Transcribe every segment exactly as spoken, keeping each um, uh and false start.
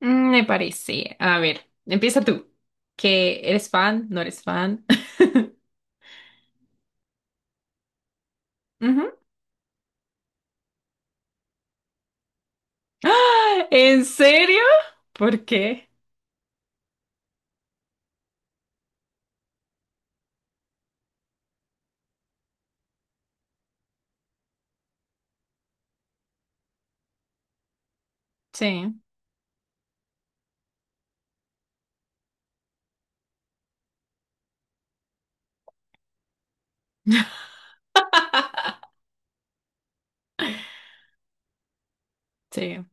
Mm, Me parece. A ver, empieza tú. ¿Que eres fan? ¿No eres fan? Ujú. ¡Ah! ¿En serio? ¿Por qué? Sí. Sí.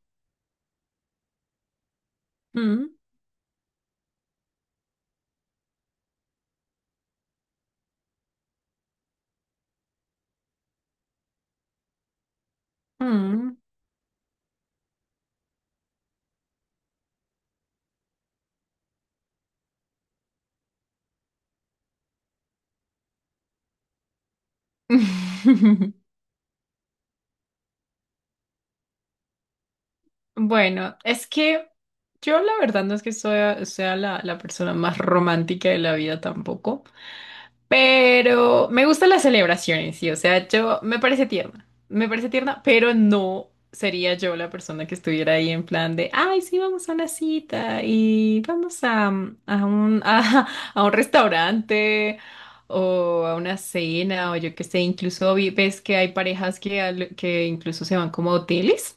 Mm, mm. Bueno, es que yo la verdad no es que soy- sea la, la persona más romántica de la vida tampoco. Pero me gustan las celebraciones, sí. O sea, yo me parece tierna. Me parece tierna, pero no sería yo la persona que estuviera ahí en plan de, ay, sí, vamos a una cita y vamos a, mm, a un, a, a un restaurante o a una cena o yo qué sé. Incluso vi- ves que hay parejas que, al- que incluso se van como a hoteles.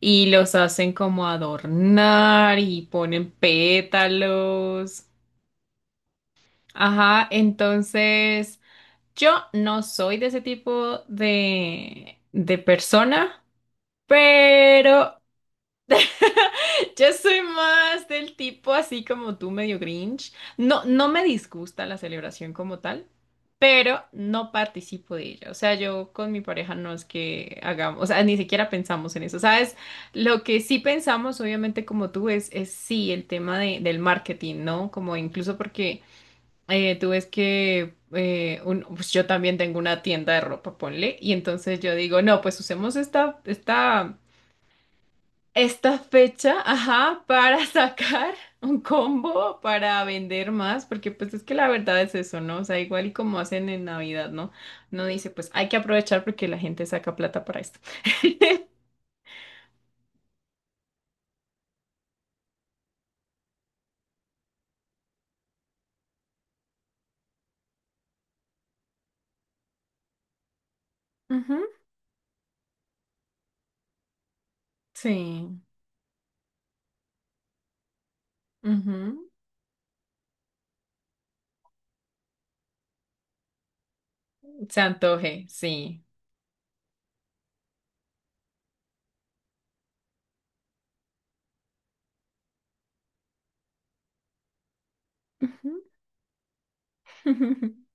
Y los hacen como adornar y ponen pétalos. Ajá, entonces yo no soy de ese tipo de, de persona, pero yo soy más del tipo así como tú, medio Grinch. No, no me disgusta la celebración como tal, pero no participo de ella. O sea, yo con mi pareja no es que hagamos, o sea, ni siquiera pensamos en eso. ¿Sabes? Lo que sí pensamos, obviamente, como tú, es, es, sí, el tema de- del marketing, ¿no? Como incluso porque eh, tú ves que eh, un- pues yo también tengo una tienda de ropa, ponle, y entonces yo digo, no, pues usemos esta, esta, esta fecha, ajá, para sacar un combo, para vender más, porque pues es que la verdad es eso, ¿no? O sea, igual y como hacen en Navidad, ¿no? No dice, pues hay que aprovechar porque la gente saca plata para esto. Ujú. Sí. Ujú. Se antoje, sí. Ujú. Ujú.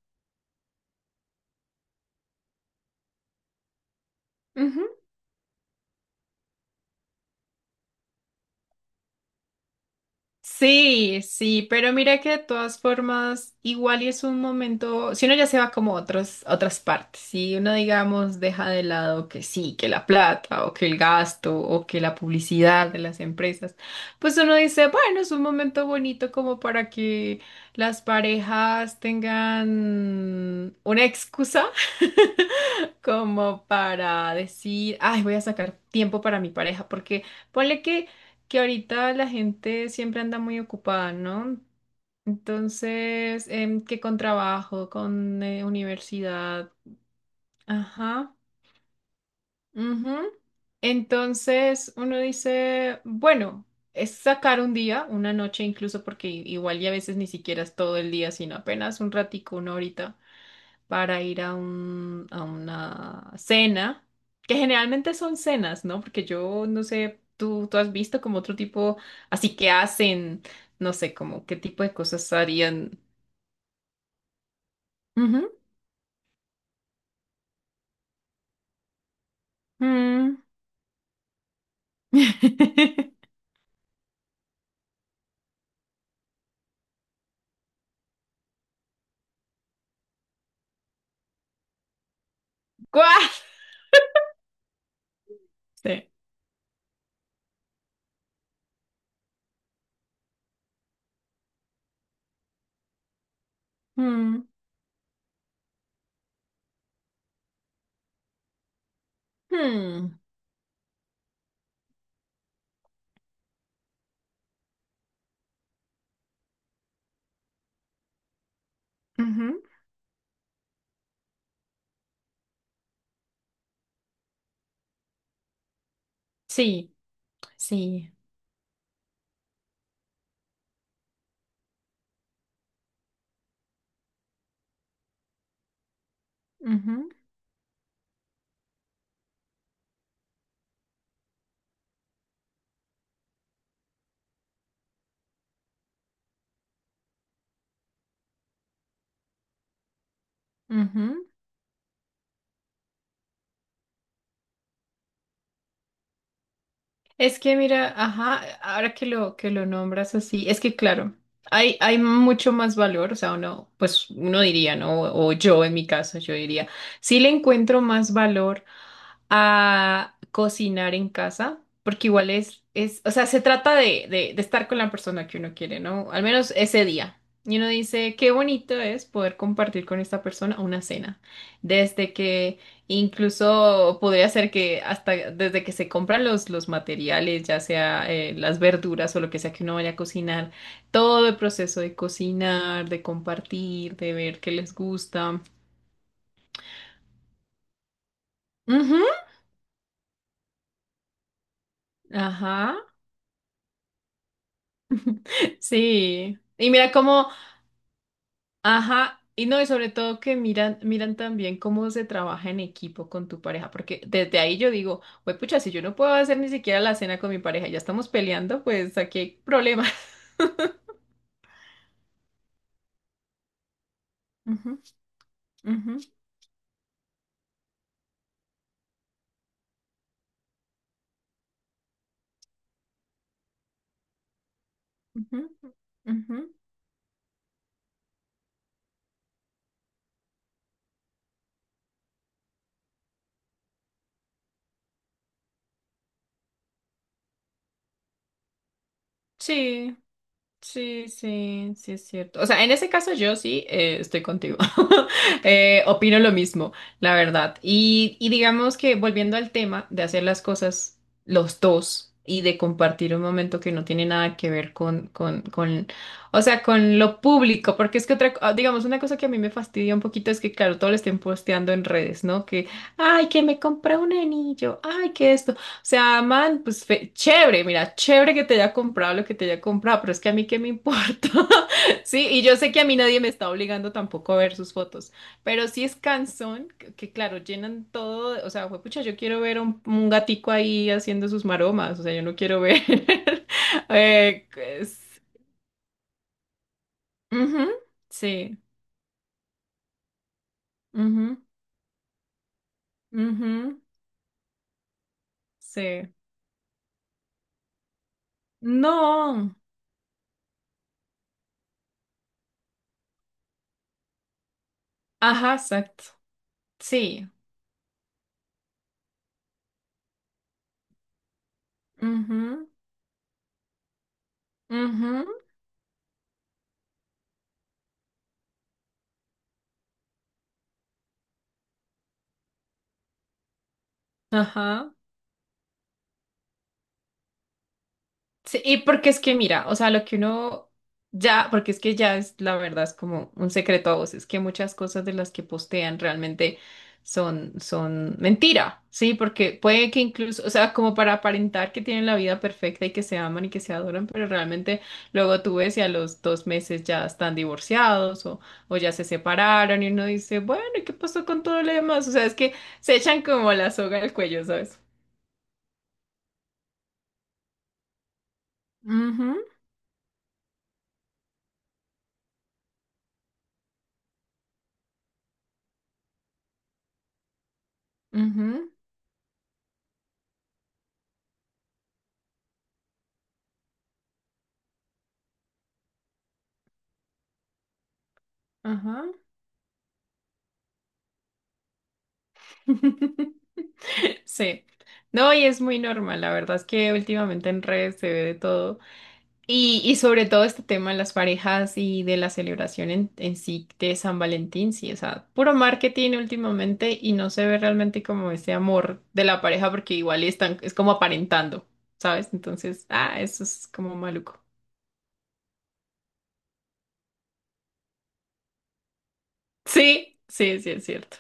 Sí, sí, pero mira que de todas formas, igual y es un momento, si uno ya se va como a otros, a otras partes, si uno digamos deja de lado que sí, que la plata o que el gasto o que la publicidad de las empresas, pues uno dice, bueno, es un momento bonito como para que las parejas tengan una excusa como para decir, ay, voy a sacar tiempo para mi pareja, porque ponle que, que, ahorita la gente siempre anda muy ocupada, ¿no? Entonces, em, que con trabajo, con eh, universidad, ajá, ujú. Entonces uno dice, bueno, es sacar un día, una noche incluso, porque i- igual y a veces ni siquiera es todo el día, sino apenas un ratico, una horita para ir a un, a una cena, que generalmente son cenas, ¿no? Porque yo no sé, tú, tú has visto como otro tipo, así que hacen, no sé, como qué tipo de cosas harían. Ujú. Mm. ¿Cuál? Sí. Mm. Mm. Ujú. Sí, sí. Ujú, ujú. Es que mira, ajá, ahora que lo que lo nombras así, es que claro, hay hay mucho más valor, o sea, uno pues uno diría, ¿no? O, o yo en mi caso yo diría, sí le encuentro más valor a cocinar en casa, porque igual es es, o sea, se trata de de de estar con la persona que uno quiere, ¿no? Al menos ese día. Y uno dice, qué bonito es poder compartir con esta persona una cena. Desde que Incluso podría ser que hasta desde que se compran los, los materiales, ya sea eh, las verduras o lo que sea que uno vaya a cocinar, todo el proceso de cocinar, de compartir, de ver qué les gusta. Ujú. Ajá, sí. Y mira cómo, ajá, y no, y sobre todo que miran, miran también cómo se trabaja en equipo con tu pareja, porque desde ahí yo digo, pues pucha, si yo no puedo hacer ni siquiera la cena con mi pareja, ya estamos peleando, pues aquí hay problemas. Ujú, ujú. Ujú, ujú. Sí, sí, sí, sí es cierto. O sea, en ese caso yo sí eh, estoy contigo. Eh, opino lo mismo, la verdad. Y, y digamos que volviendo al tema de hacer las cosas los dos y de compartir un momento que no tiene nada que ver con, con, con, o sea, con lo público, porque es que otra, co- ah, digamos, una cosa que a mí me fastidia un poquito es que, claro, todo lo estén posteando en redes, ¿no? Que, ay, que me compré un anillo, ay, que esto. O sea, man, pues fe- chévere, mira, chévere que te haya comprado lo que te haya comprado, pero es que a mí qué me importa. Sí, y yo sé que a mí nadie me está obligando tampoco a ver sus fotos, pero sí es cansón, que, que claro, llenan todo, de- o sea, pucha, yo quiero ver un, un gatico ahí haciendo sus maromas, o sea, yo no quiero ver. eh, pues, ujú, sí, ujú, ujú, sí. No, ajá, exacto, sí, mhm mhm ajá. Sí, y porque es que mira, o sea, lo que uno ya, porque es que ya es la verdad, es como un secreto a voces, que muchas cosas de las que postean realmente son, son, mentira, ¿sí? Porque puede que incluso, o sea, como para aparentar que tienen la vida perfecta y que se aman y que se adoran, pero realmente luego tú ves y a los dos meses ya están divorciados o, o ya se separaron y uno dice, bueno, ¿y qué pasó con todo lo demás? O sea, es que se echan como la soga al cuello, ¿sabes? Ujú. Ujú, ajá. Sí. No, y es muy normal. La verdad es que últimamente en redes se ve de todo. Y, y sobre todo este tema de las parejas y de la celebración en, en, sí de San Valentín, sí, o sea, puro marketing últimamente y no se ve realmente como ese amor de la pareja porque igual están, es como aparentando, ¿sabes? Entonces, ah, eso es como maluco. Sí, sí, sí, es cierto.